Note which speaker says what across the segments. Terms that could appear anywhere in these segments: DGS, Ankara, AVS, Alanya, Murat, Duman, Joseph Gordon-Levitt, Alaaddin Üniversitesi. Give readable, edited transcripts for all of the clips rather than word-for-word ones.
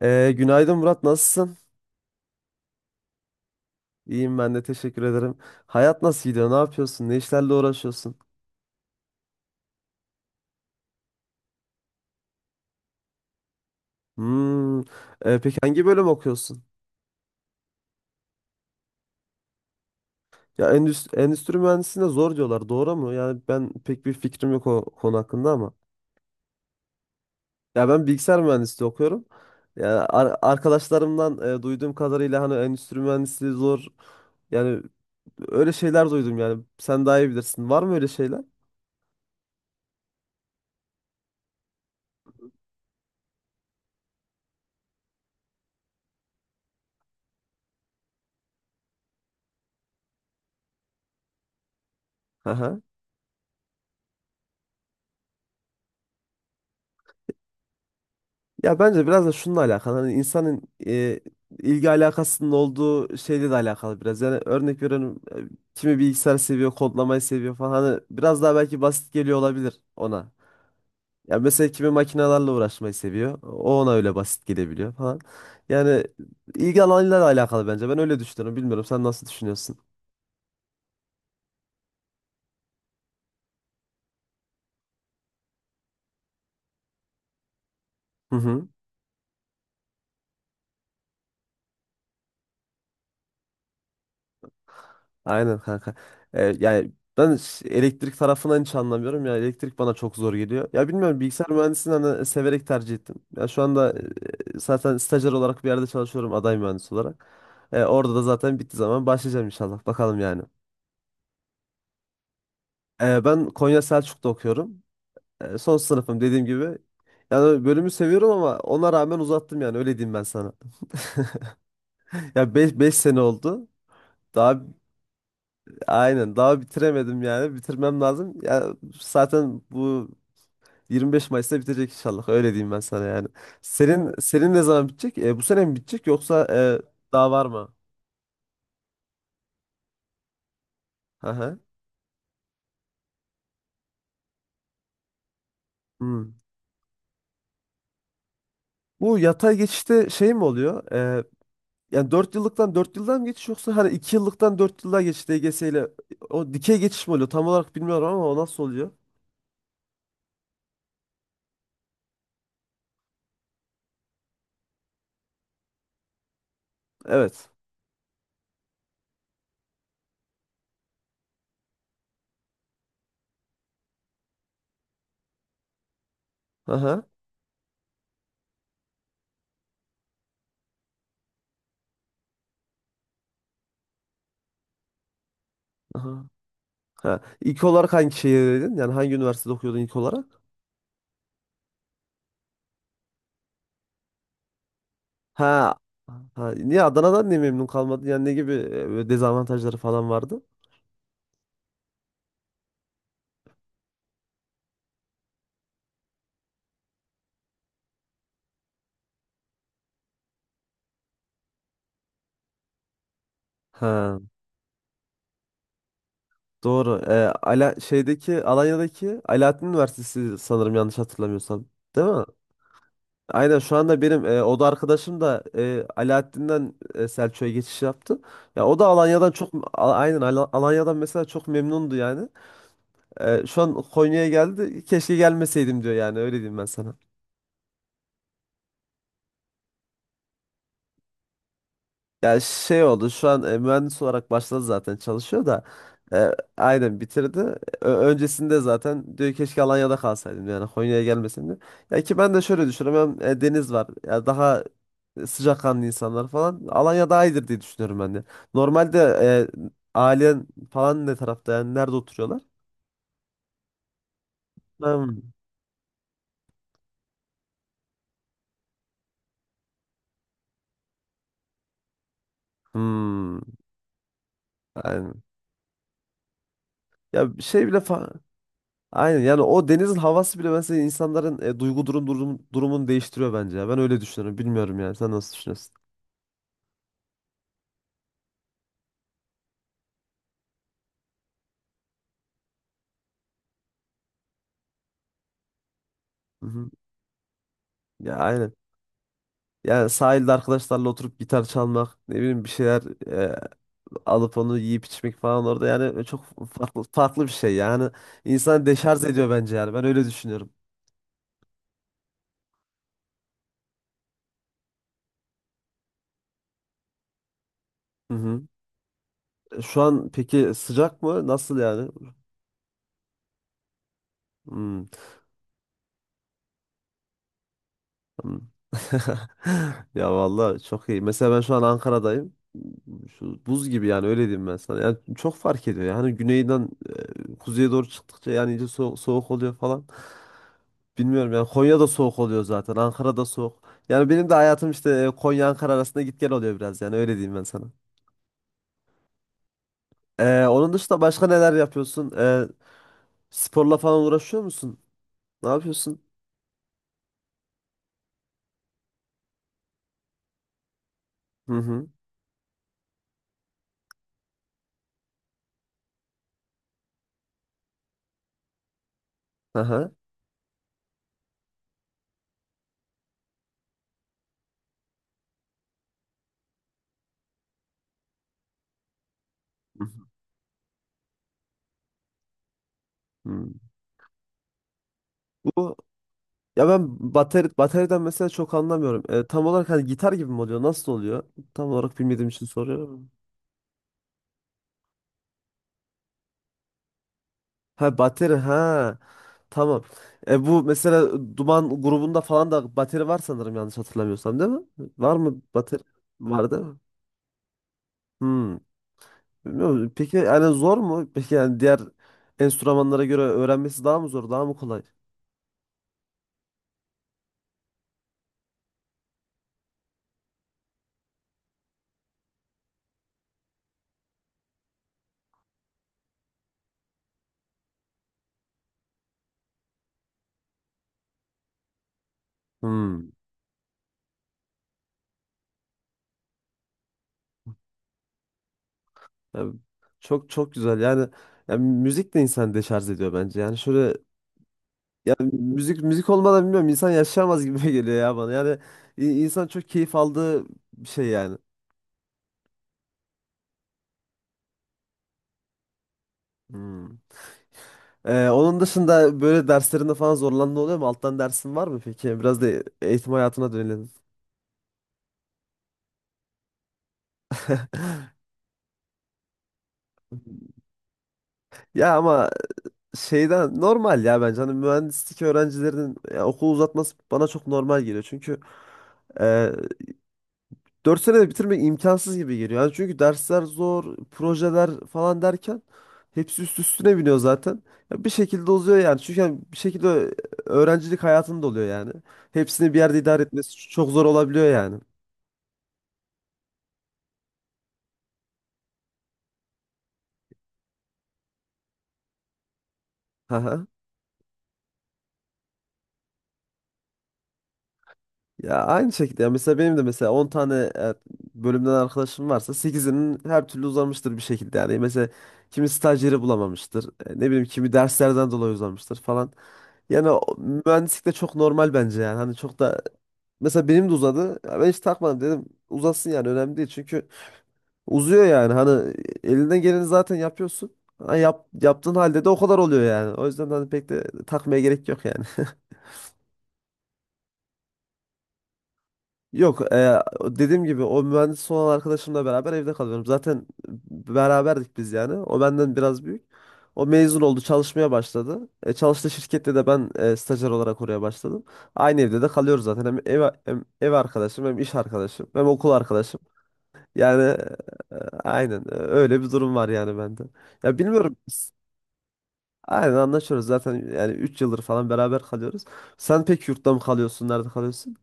Speaker 1: Günaydın Murat, nasılsın? İyiyim ben de teşekkür ederim. Hayat nasıl gidiyor? Ne yapıyorsun? Ne işlerle uğraşıyorsun? Hmm. Peki hangi bölüm okuyorsun? Ya endüstri mühendisliğine zor diyorlar. Doğru mu? Yani ben pek bir fikrim yok o konu hakkında ama. Ya ben bilgisayar mühendisliği okuyorum. Ya arkadaşlarımdan duyduğum kadarıyla hani endüstri mühendisliği zor. Yani öyle şeyler duydum yani. Sen daha iyi bilirsin. Var mı öyle şeyler? Aha. Ya bence biraz da şununla alakalı. Hani insanın e, ilgi alakasının olduğu şeyle de alakalı biraz. Yani örnek veriyorum kimi bilgisayar seviyor, kodlamayı seviyor falan. Hani biraz daha belki basit geliyor olabilir ona. Ya mesela kimi makinelerle uğraşmayı seviyor. O ona öyle basit gelebiliyor falan. Yani ilgi alanıyla da alakalı bence. Ben öyle düşünüyorum. Bilmiyorum sen nasıl düşünüyorsun? Hı hı. Aynen kanka. Yani ben elektrik tarafından hiç anlamıyorum. Ya elektrik bana çok zor geliyor. Ya bilmiyorum bilgisayar mühendisliğini hani severek tercih ettim. Ya şu anda zaten stajyer olarak bir yerde çalışıyorum aday mühendis olarak. Orada da zaten bittiği zaman başlayacağım inşallah. Bakalım yani. Ben Konya Selçuk'ta okuyorum. Son sınıfım dediğim gibi. Yani bölümü seviyorum ama ona rağmen uzattım yani öyle diyeyim ben sana. Ya 5 sene oldu. Daha aynen daha bitiremedim yani bitirmem lazım. Ya zaten bu 25 Mayıs'ta bitecek inşallah. Öyle diyeyim ben sana yani. Senin ne zaman bitecek? Bu sene mi bitecek yoksa daha var mı? Hı hı. Hmm. Bu yatay geçişte şey mi oluyor? Yani 4 yıllıktan 4 yıldan mı geçiş yoksa hani 2 yıllıktan 4 yıllığa geçiş DGS ile o dikey geçiş mi oluyor? Tam olarak bilmiyorum ama o nasıl oluyor? Evet. Hı hı. Hı hı. Ha. İlk olarak hangi şehirdeydin? Yani hangi üniversitede okuyordun ilk olarak? Ha. Ha. Niye Adana'dan niye memnun kalmadın? Yani ne gibi böyle dezavantajları falan vardı? Ha. Doğru. Alanya'daki Alaaddin Üniversitesi sanırım yanlış hatırlamıyorsam. Değil mi? Aynen şu anda benim oda arkadaşım da Alaaddin'den Selçuk'a geçiş yaptı. Ya o da aynen Alanya'dan mesela çok memnundu yani. Şu an Konya'ya geldi. Keşke gelmeseydim diyor yani öyle diyeyim ben sana. Ya şey oldu şu an mühendis olarak başladı zaten çalışıyor da e, aynen bitirdi. Öncesinde zaten diyor keşke Alanya'da kalsaydım yani Konya'ya gelmesin diyor. Ya ki ben de şöyle düşünüyorum hem deniz var ya daha sıcakkanlı insanlar falan Alanya daha iyidir diye düşünüyorum ben de. Normalde ailen falan ne tarafta yani nerede oturuyorlar? Hmm. Hmm. Aynen. Ya bir şey bile fa- Aynen yani o denizin havası bile mesela insanların duygu durumunu değiştiriyor bence ya. Ben öyle düşünüyorum. Bilmiyorum yani. Sen nasıl düşünüyorsun? Hı hı. Ya aynen. Yani sahilde arkadaşlarla oturup gitar çalmak, ne bileyim bir şeyler alıp onu yiyip içmek falan orada yani çok farklı farklı bir şey yani. İnsanı deşarj ediyor bence yani. Ben öyle düşünüyorum. Hı hı. Şu an peki sıcak mı? Nasıl yani? Hı. Ya vallahi çok iyi. Mesela ben şu an Ankara'dayım. Şu buz gibi yani öyle diyeyim ben sana. Yani çok fark ediyor. Yani güneyden kuzeye doğru çıktıkça yani iyice soğuk oluyor falan. Bilmiyorum yani Konya'da soğuk oluyor zaten. Ankara'da soğuk. Yani benim de hayatım işte Konya Ankara arasında git gel oluyor biraz yani öyle diyeyim ben sana. Onun dışında başka neler yapıyorsun? Sporla falan uğraşıyor musun? Ne yapıyorsun? Hı hı. Aha. Hı hı. Hı. Bu ya ben bateriden mesela çok anlamıyorum. Tam olarak hani gitar gibi mi oluyor? Nasıl oluyor? Tam olarak bilmediğim için soruyorum. Ha bateri ha tamam. Bu mesela Duman grubunda falan da bateri var sanırım yanlış hatırlamıyorsam değil mi? Var mı bateri? Var değil mi? Hmm. Bilmiyorum. Peki yani zor mu? Peki yani diğer enstrümanlara göre öğrenmesi daha mı zor, daha mı kolay? Hmm. Yani çok çok güzel. Yani, yani müzik de insanı deşarj ediyor bence. Yani şöyle ya müzik olmadan bilmiyorum insan yaşayamaz gibi geliyor ya bana. Yani insan çok keyif aldığı bir şey yani. Hmm. Onun dışında böyle derslerinde falan zorlandığın oluyor mu? Alttan dersin var mı peki? Biraz da eğitim hayatına dönelim. Ya ama şeyden normal ya bence. Hani mühendislik öğrencilerinin ya, okul uzatması bana çok normal geliyor. Çünkü e, 4 senede bitirmek imkansız gibi geliyor. Yani çünkü dersler zor, projeler falan derken hepsi üst üstüne biniyor zaten. Ya bir şekilde uzuyor yani. Çünkü yani bir şekilde öğrencilik hayatında oluyor yani. Hepsini bir yerde idare etmesi çok zor olabiliyor yani. Haha. Ya aynı şekilde ya mesela benim de mesela 10 tane bölümden arkadaşım varsa sekizinin her türlü uzamıştır bir şekilde yani. Mesela kimi staj yeri bulamamıştır. Ne bileyim kimi derslerden dolayı uzamıştır falan. Yani mühendislik de çok normal bence yani. Hani çok da mesela benim de uzadı. Ya ben hiç takmadım dedim. Uzasın yani önemli değil. Çünkü uzuyor yani. Hani elinden geleni zaten yapıyorsun. Ha, yaptığın halde de o kadar oluyor yani. O yüzden hani pek de takmaya gerek yok yani. Yok dediğim gibi o mühendis olan arkadaşımla beraber evde kalıyorum. Zaten beraberdik biz yani. O benden biraz büyük. O mezun oldu, çalışmaya başladı. Çalıştığı şirkette de ben stajyer olarak oraya başladım. Aynı evde de kalıyoruz zaten. Hem ev, hem ev arkadaşım, hem iş arkadaşım, hem okul arkadaşım. Yani e, aynen öyle bir durum var yani bende. Ya bilmiyorum. Aynen anlaşıyoruz zaten yani 3 yıldır falan beraber kalıyoruz. Sen pek yurtta mı kalıyorsun, nerede kalıyorsun?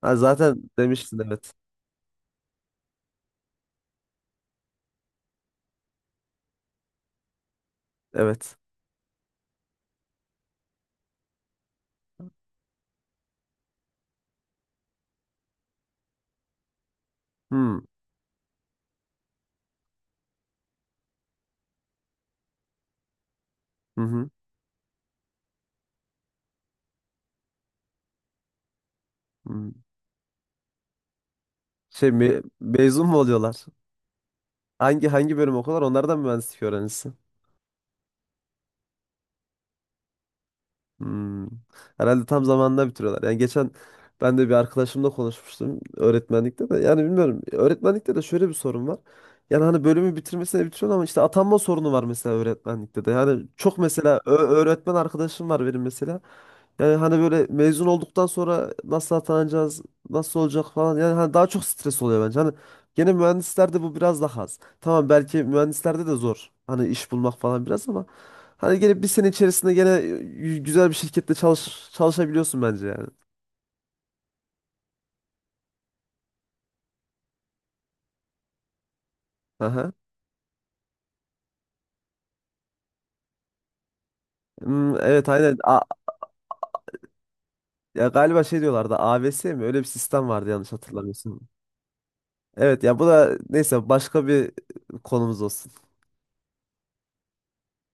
Speaker 1: Ha, zaten demiştin evet. Evet. Hmm. Hı hı. Hı. Şey mezun mu oluyorlar? Hangi bölüm okuyorlar? Onlardan mı mühendislik öğrencisi. Hmm. Herhalde tam zamanında bitiriyorlar. Yani geçen ben de bir arkadaşımla konuşmuştum öğretmenlikte de. Yani bilmiyorum. Öğretmenlikte de şöyle bir sorun var. Yani hani bölümü bitirmesine bitiriyorsun ama işte atanma sorunu var mesela öğretmenlikte de. Yani çok mesela öğretmen arkadaşım var benim mesela. Yani hani böyle mezun olduktan sonra nasıl atanacağız, nasıl olacak falan. Yani hani daha çok stres oluyor bence. Hani gene mühendislerde bu biraz daha az. Tamam belki mühendislerde de zor. Hani iş bulmak falan biraz ama hani gene bir sene içerisinde gene güzel bir şirkette çalışabiliyorsun bence yani. Aha. Hmm, evet aynen. Ya galiba şey diyorlardı AVS mi? Öyle bir sistem vardı yanlış hatırlamıyorsun. Evet ya bu da neyse başka bir konumuz olsun.